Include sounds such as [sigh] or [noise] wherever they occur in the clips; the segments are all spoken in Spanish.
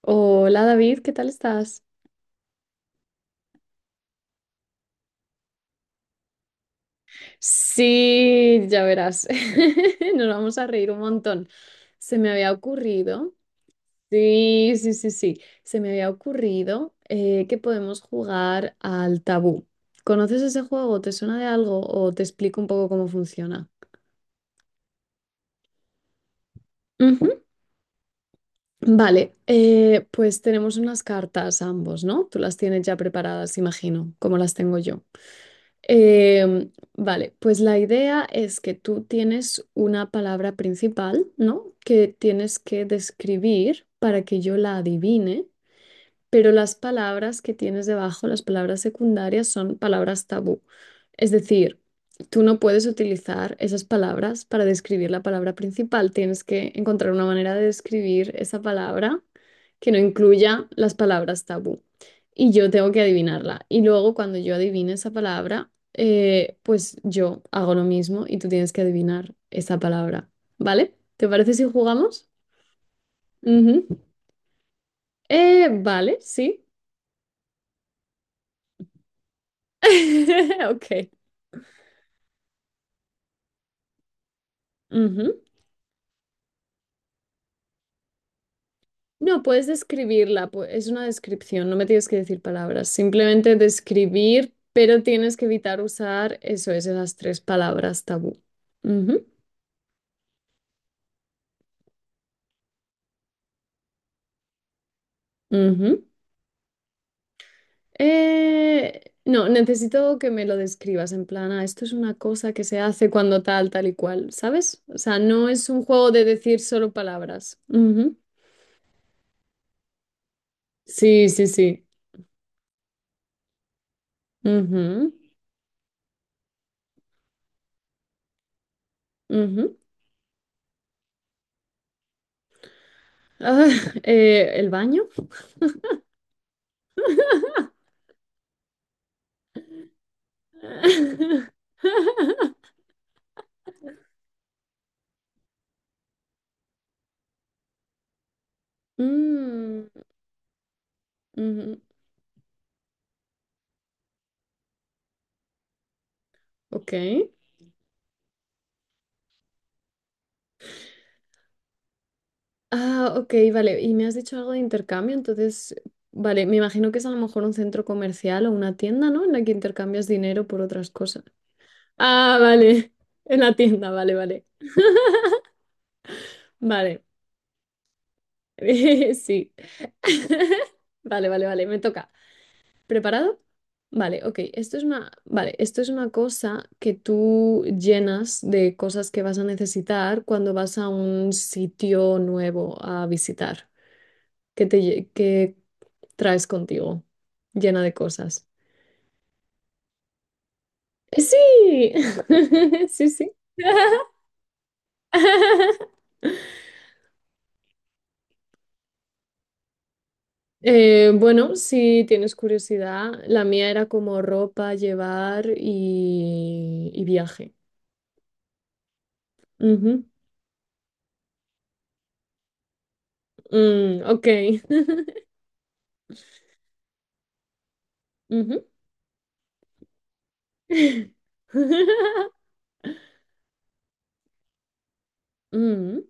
Hola David, ¿qué tal estás? Sí, ya verás, [laughs] nos vamos a reír un montón. Se me había ocurrido, sí, sí, sí, sí, se me había ocurrido que podemos jugar al tabú. ¿Conoces ese juego? ¿Te suena de algo o te explico un poco cómo funciona? Ujú. Vale, pues tenemos unas cartas ambos, ¿no? Tú las tienes ya preparadas, imagino, como las tengo yo. Em, vale, pues la idea es que tú tienes una palabra principal, ¿no? Que tienes que describir para que yo la adivine pero las palabras que tienes debajo, las palabras secundarias, son palabras tabú. Es decir, tú no puedes utilizar esas palabras para describir la palabra principal. Tienes que encontrar una manera de describir esa palabra que no incluya las palabras tabú. Y yo tengo que adivinarla. Y luego cuando yo adivine esa palabra, pues yo hago lo mismo y tú tienes que adivinar esa palabra. ¿Vale? ¿Te parece si jugamos? Ujú. Vale, sí. [laughs] Ok. Ujú. No, puedes describirla, es una descripción, no me tienes que decir palabras, simplemente describir, pero tienes que evitar usar eso, esas tres palabras tabú. Ujú, ujú. No, necesito que me lo describas en plan, "Ah, esto es una cosa que se hace cuando tal, tal y cual, ¿sabes? O sea, no es un juego de decir solo palabras. Ujú. Sí, sí, sí. Ujú, ujú. Ah, [laughs] ¿el baño? [laughs] Mm, ujú, ok. Ah, ok, vale. Y me has dicho algo de intercambio, entonces, vale, me imagino que es a lo mejor un centro comercial o una tienda, ¿no? En la que intercambias dinero por otras cosas. Ah, vale. [laughs] En la tienda, vale, vale. Vale. [laughs] Sí. [laughs] Vale, vale, vale. Me toca. ¿Preparado? Vale, ok. Esto es una, vale, esto es una cosa que tú llenas de cosas que vas a necesitar cuando vas a un sitio nuevo a visitar. ¿Qué traes contigo? Llena de cosas. Sí, [laughs] sí, sí. [laughs] Bueno, si tienes curiosidad, la mía era como ropa, llevar y viaje. Ujú. Ok. [laughs] Ujú. [laughs] Mm,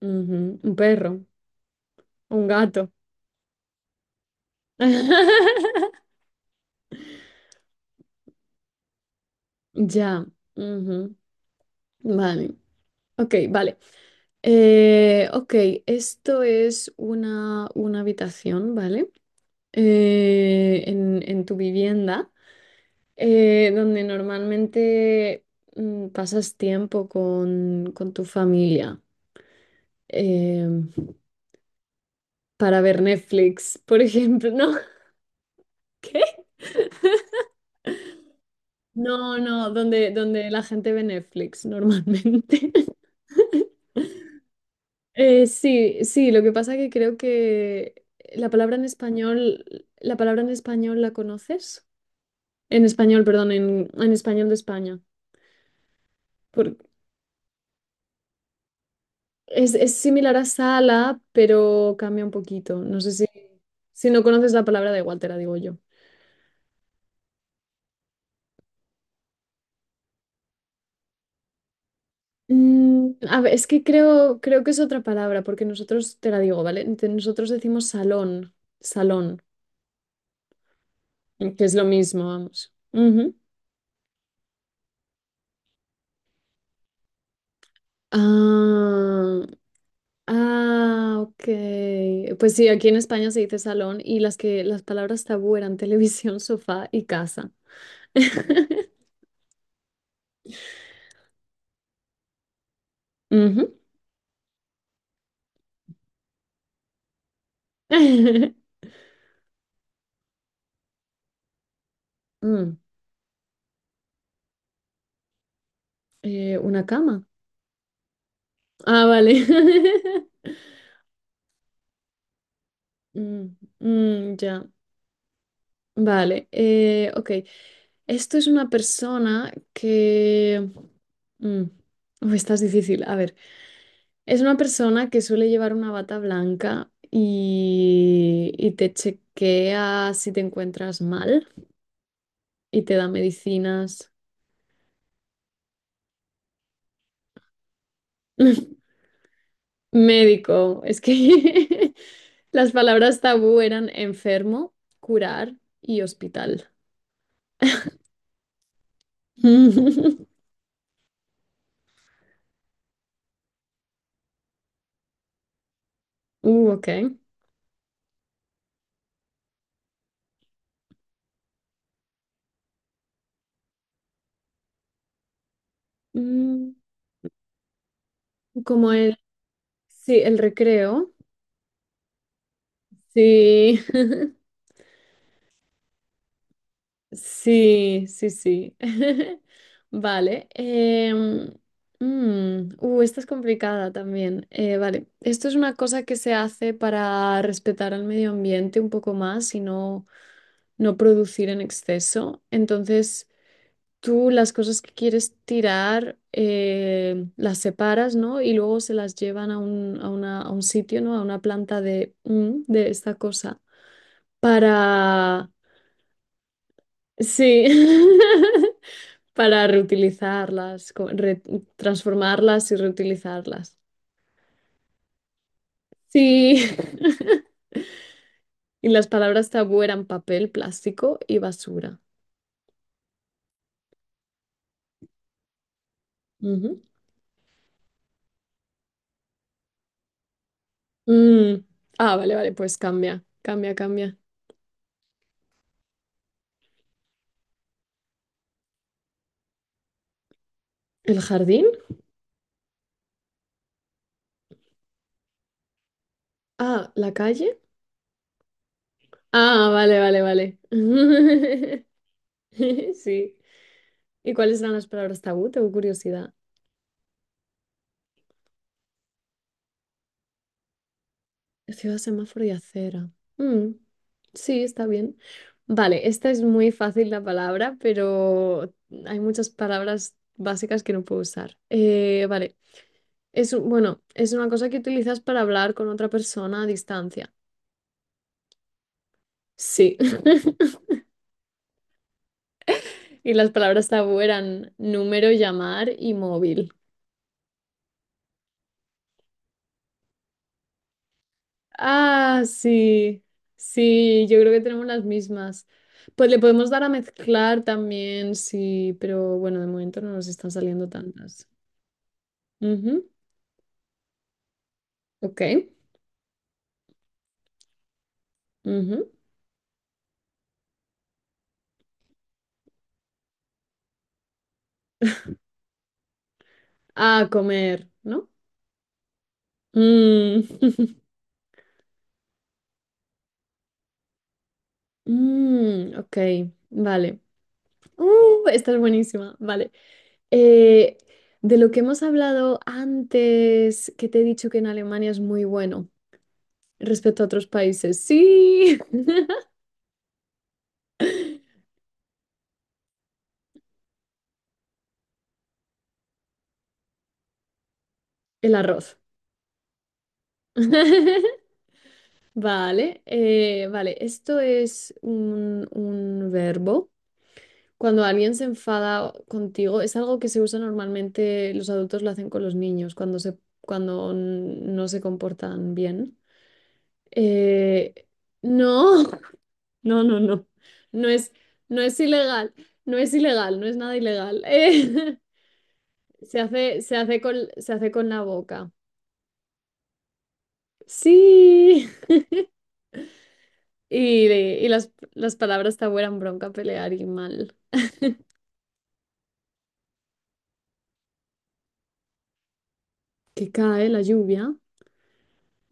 ujú, un perro, un gato. [laughs] Ya. Ujú. Vale. Ok, vale. Ok, esto es una habitación, ¿vale? En tu vivienda, donde normalmente pasas tiempo con tu familia em, para ver Netflix, por ejemplo, ¿no? [laughs] No, no, donde la gente ve Netflix normalmente. [laughs] Sí, sí, lo que pasa que creo que la palabra en español, la palabra en español la conoces. En español, perdón, en español de España. Por- es similar a sala, pero cambia un poquito. No sé si no conoces la palabra, da igual, te la digo yo. A ver, es que creo que es otra palabra, porque nosotros, te la digo, ¿vale? Nosotros decimos salón, salón. Que es lo mismo, vamos. Ujú. Ah, ah, ok. Pues sí, aquí en España se dice salón y las que las palabras tabú eran televisión, [laughs] sofá y casa. [laughs] Ujú. [laughs] Mm, una cama. Ah, vale. [laughs] Mm, mm, ya. Vale, ok. Esto es una persona que, mm, [laughs] uy, esta es difícil. A ver, es una persona que suele llevar una bata blanca y te chequea si te encuentras mal y te da medicinas. [laughs] Médico, es que [laughs] las palabras tabú eran enfermo, curar y hospital. [laughs] Ok. Mm, como el, sí, el recreo. Sí. [laughs] Sí, sí, sí. [laughs] Vale. Esta es complicada también. Vale. Esto es una cosa que se hace para respetar al medio ambiente un poco más y no producir en exceso. Entonces, tú las cosas que quieres tirar las separas, ¿no? Y luego se las llevan a un sitio, ¿no? A una planta de esta cosa. para, sí, [laughs] para reutilizarlas, transformarlas y reutilizarlas. Sí, [laughs] y las palabras tabú eran papel, plástico y basura. Ujú. Mm. Ah, vale, vale, pues cambia, cambia, cambia. ¿El jardín? Ah, ¿la calle? Ah, vale, vale, vale. [laughs] Sí. ¿Y cuáles eran las palabras tabú? Tengo curiosidad. Ciudad, semáforo y acera. Mm, sí, está bien. Vale, esta es muy fácil la palabra, pero hay muchas palabras básicas que no puedo usar. Vale, bueno, es una cosa que utilizas para hablar con otra persona a distancia. Sí. [laughs] Y las palabras tabú eran número, llamar y móvil. Ah, sí, sí, yo creo que tenemos las mismas. Pues le podemos dar a mezclar también, sí, pero bueno, de momento no nos están saliendo tantas. Ujú, ok. Ujú. A comer, ¿no? Mm. [laughs] Ok, vale. Esta es buenísima, vale. Eh, de lo que hemos hablado antes, que te he dicho que en Alemania es muy bueno respecto a otros países. Sí, [laughs] el arroz. [laughs] Vale, vale, esto es un verbo. Cuando alguien se enfada contigo, es algo que se usa normalmente, los adultos lo hacen con los niños cuando no se comportan bien. Eh, no, [laughs] no, no, no. No es, no es ilegal, no es ilegal, no es nada ilegal. [laughs] Se hace con la boca. Sí. [laughs] Y las palabras te vuelan bronca, pelear y mal. Que cae la lluvia.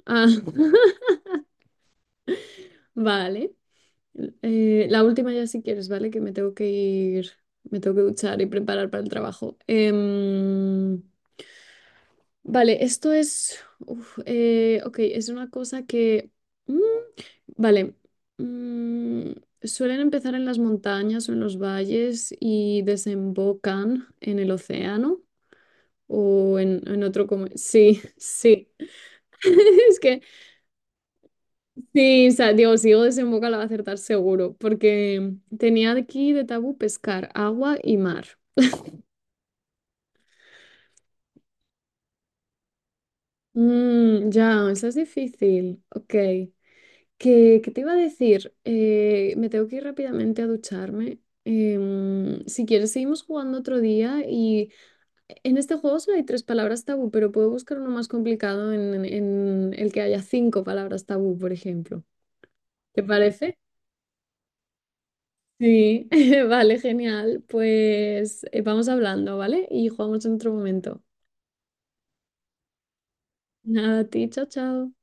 Ah, [laughs] vale. La última ya si quieres, ¿vale? Que me tengo que ir, me tengo que duchar y preparar para el trabajo. Vale, esto es, ok, es una cosa que, mm, vale, mm, suelen empezar en las montañas o en los valles y desembocan en el océano o en otro como, sí, [laughs] sí. [laughs] Es que sí, o sea, digo, si digo desemboca la va a acertar seguro, porque tenía aquí de tabú pescar, agua y mar. Mm, ya, eso es difícil. Ok. ¿Qué te iba a decir? Me tengo que ir rápidamente a ducharme. Si quieres, seguimos jugando otro día y en este juego solo hay tres palabras tabú, pero puedo buscar uno más complicado en el que haya cinco palabras tabú, por ejemplo. ¿Te parece? Sí, [laughs] vale, genial. Pues vamos hablando, ¿vale? Y jugamos en otro momento. Nada, a ti, chao, chao.